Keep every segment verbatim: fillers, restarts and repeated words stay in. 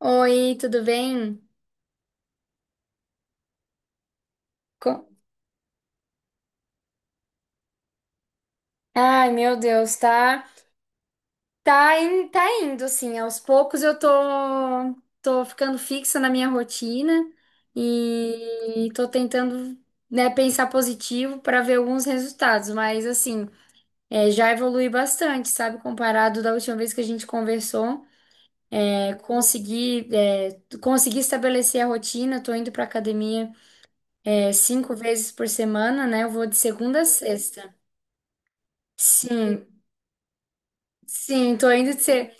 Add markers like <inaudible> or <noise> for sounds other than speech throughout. Oi, tudo bem? Co- Ai, meu Deus, tá, tá, in- tá indo, assim, aos poucos eu tô, tô ficando fixa na minha rotina e tô tentando, né, pensar positivo para ver alguns resultados, mas, assim, é, já evolui bastante, sabe, comparado da última vez que a gente conversou, é, consegui, é, consegui estabelecer a rotina, tô indo pra academia, é, cinco vezes por semana, né, eu vou de segunda a sexta. Sim. Sim, tô indo de ser,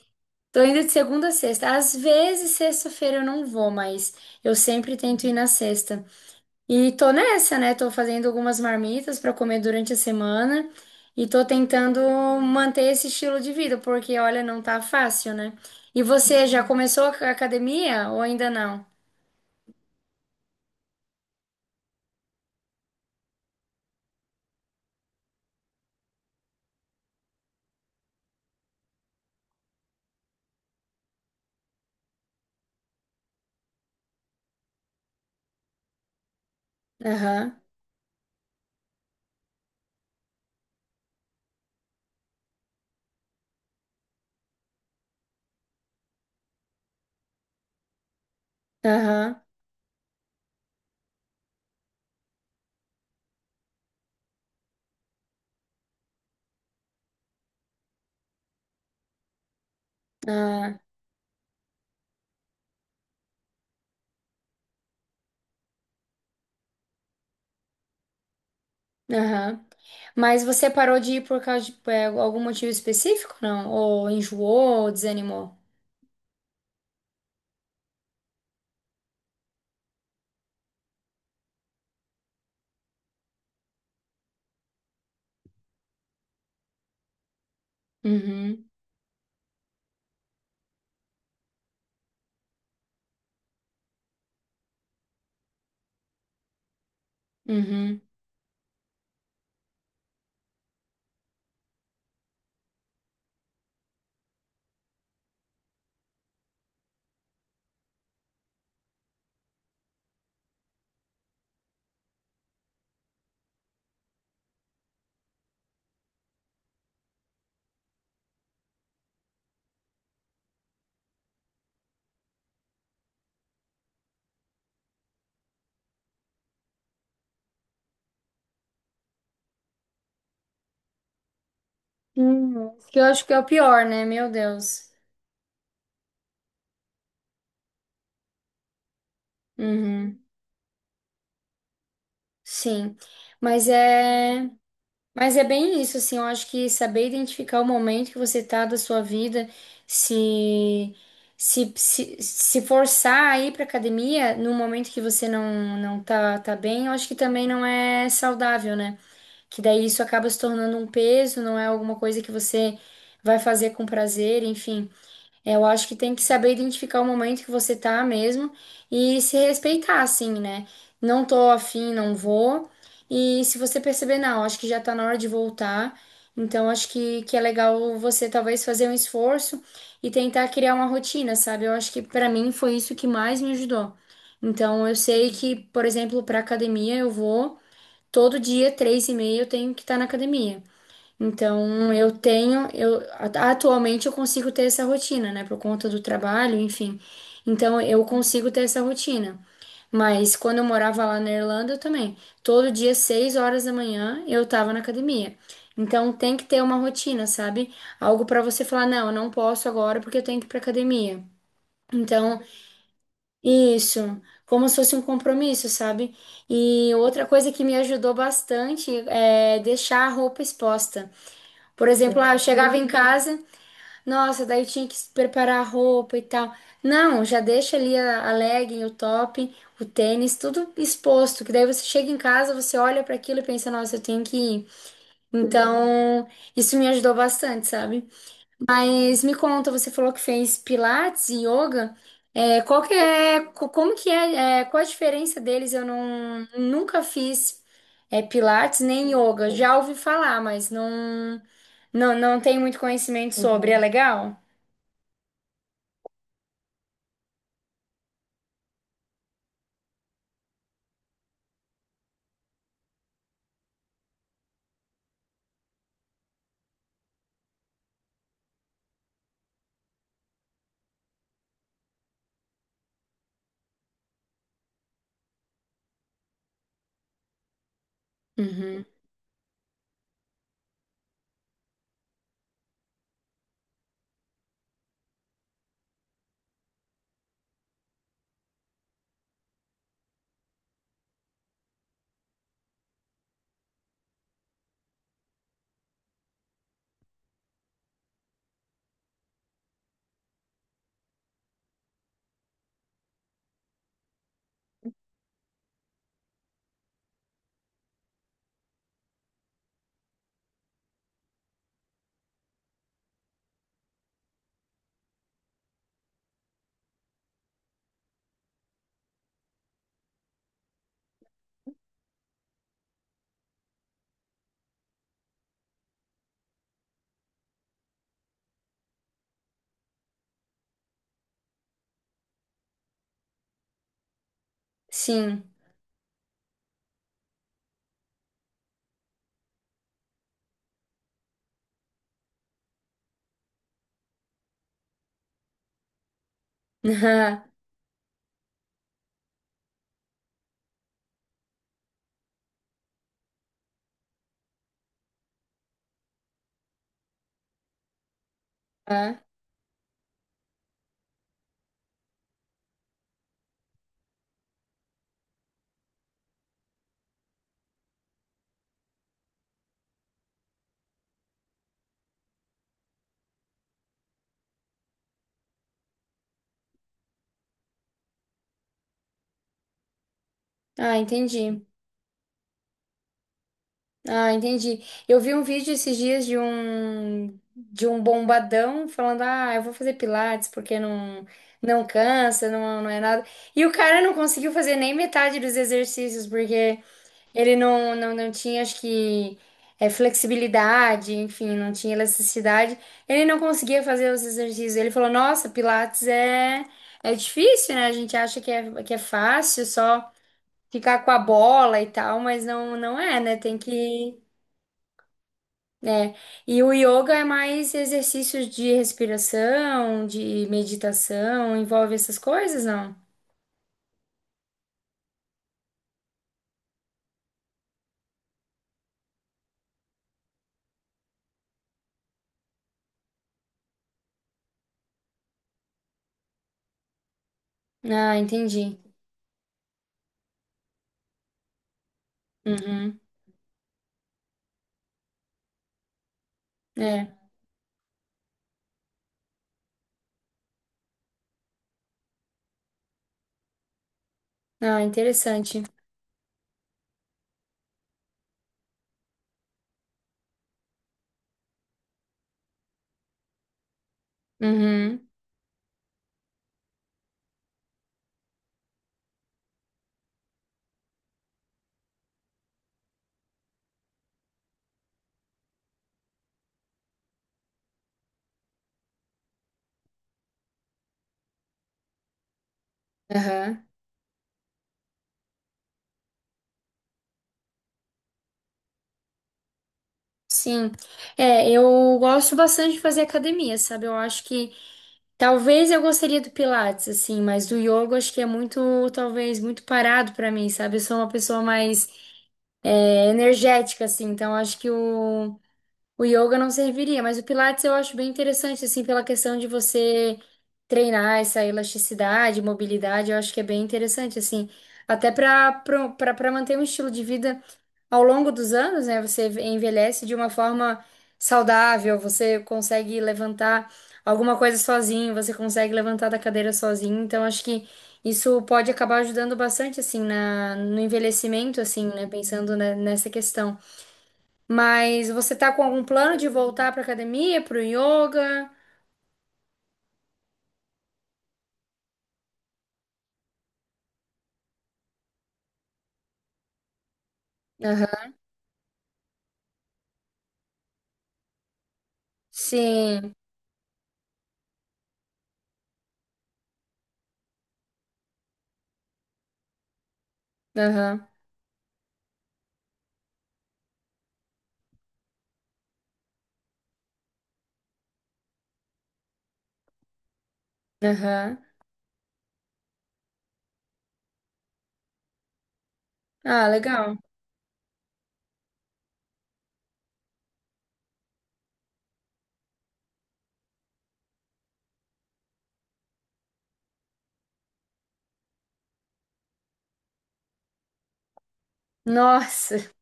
Tô indo de segunda a sexta. Às vezes sexta-feira eu não vou, mas eu sempre tento ir na sexta. E tô nessa, né? Tô fazendo algumas marmitas pra comer durante a semana e tô tentando manter esse estilo de vida, porque olha, não tá fácil, né? E você já começou a academia ou ainda não? Aham, aham, ah, aham. Mas você parou de ir por causa de é, algum motivo específico, não? Ou enjoou, ou desanimou? Uhum, uhum. Uhum. Que eu acho que é o pior, né? Meu Deus. Uhum. Sim. Mas é, mas é bem isso, assim, eu acho que saber identificar o momento que você tá da sua vida, se se, se, se forçar a ir pra academia no momento que você não não tá, tá bem, eu acho que também não é saudável, né? Que daí isso acaba se tornando um peso, não é alguma coisa que você vai fazer com prazer, enfim. Eu acho que tem que saber identificar o momento que você tá mesmo e se respeitar, assim, né? Não tô afim, não vou. E se você perceber, não, acho que já tá na hora de voltar. Então, acho que, que é legal você talvez fazer um esforço e tentar criar uma rotina, sabe? Eu acho que pra mim foi isso que mais me ajudou. Então, eu sei que, por exemplo, pra academia eu vou todo dia, três e meia, eu tenho que estar na academia. Então, eu tenho, eu a- atualmente eu consigo ter essa rotina, né, por conta do trabalho, enfim. Então, eu consigo ter essa rotina. Mas quando eu morava lá na Irlanda, eu também. Todo dia, seis horas da manhã, eu tava na academia. Então, tem que ter uma rotina, sabe? Algo pra você falar, não, eu não posso agora porque eu tenho que ir pra academia. Então, isso, como se fosse um compromisso, sabe? E outra coisa que me ajudou bastante é deixar a roupa exposta. Por exemplo, ah, eu chegava em casa, nossa, daí tinha que preparar a roupa e tal. Não, já deixa ali a, a legging, o top, o tênis, tudo exposto, que daí você chega em casa, você olha para aquilo e pensa, nossa, eu tenho que ir. Então, isso me ajudou bastante, sabe? Mas me conta, você falou que fez pilates e yoga. É, qual que é, co- Como que é, é, qual a diferença deles? Eu não, nunca fiz é, pilates nem yoga. Já ouvi falar, mas não, não, não tenho muito conhecimento sobre. É. Uhum. Legal? Uhum. Sim. <laughs> Ah, ah, entendi. Ah, entendi. Eu vi um vídeo esses dias de um de um bombadão falando: "Ah, eu vou fazer pilates porque não não cansa, não, não é nada". E o cara não conseguiu fazer nem metade dos exercícios porque ele não não, não tinha, acho que é, flexibilidade, enfim, não tinha elasticidade. Ele não conseguia fazer os exercícios. Ele falou: "Nossa, pilates é é difícil, né? A gente acha que é que é fácil só ficar com a bola e tal, mas não não é, né? Tem que é, e o yoga é mais exercícios de respiração, de meditação, envolve essas coisas, não? Ah, entendi. Uhum. É. Ah, interessante. Uhum. Aham. Sim. É, eu gosto bastante de fazer academia, sabe? Eu acho que talvez eu gostaria do Pilates, assim, mas do yoga eu acho que é muito, talvez, muito parado pra mim, sabe? Eu sou uma pessoa mais é, energética, assim, então eu acho que o O yoga não serviria, mas o Pilates eu acho bem interessante, assim, pela questão de você treinar essa elasticidade, mobilidade, eu acho que é bem interessante, assim, até para para manter um estilo de vida ao longo dos anos, né? Você envelhece de uma forma saudável, você consegue levantar alguma coisa sozinho, você consegue levantar da cadeira sozinho, então acho que isso pode acabar ajudando bastante, assim, na, no envelhecimento, assim, né? Pensando, né, nessa questão. Mas você tá com algum plano de voltar pra academia, pro yoga? Aham. Sim. Aham. Aham. Ah, legal. Nossa, <laughs>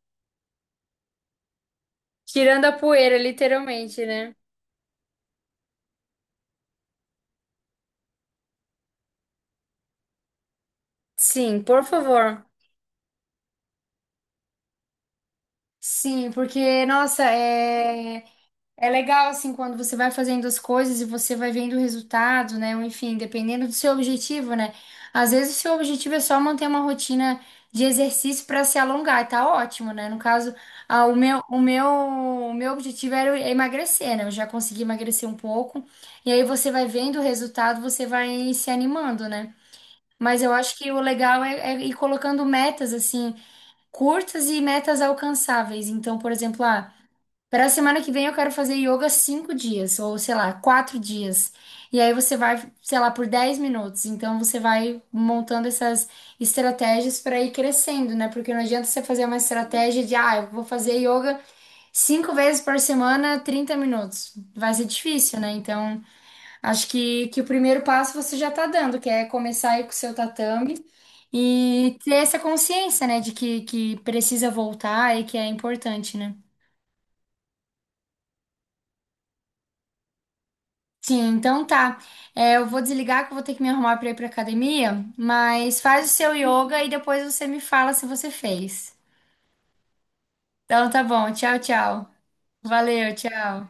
tirando a poeira, literalmente, né? Sim, por favor. Sim, porque, nossa, é. É legal, assim, quando você vai fazendo as coisas e você vai vendo o resultado, né? Ou, enfim, dependendo do seu objetivo, né? Às vezes o seu objetivo é só manter uma rotina de exercício para se alongar, e tá ótimo, né? No caso, ah, o meu, o meu, o meu objetivo era emagrecer, né? Eu já consegui emagrecer um pouco. E aí você vai vendo o resultado, você vai se animando, né? Mas eu acho que o legal é, é ir colocando metas, assim, curtas e metas alcançáveis. Então, por exemplo, ah, para semana que vem eu quero fazer yoga cinco dias, ou sei lá, quatro dias. E aí você vai, sei lá, por dez minutos. Então você vai montando essas estratégias para ir crescendo, né? Porque não adianta você fazer uma estratégia de, ah, eu vou fazer yoga cinco vezes por semana, trinta minutos. Vai ser difícil, né? Então acho que, que o primeiro passo você já tá dando, que é começar aí com o seu tatame. E ter essa consciência, né, de que, que precisa voltar e que é importante, né? Sim, então tá. É, eu vou desligar que eu vou ter que me arrumar pra ir pra academia, mas faz o seu yoga e depois você me fala se você fez. Então tá bom, tchau, tchau. Valeu, tchau.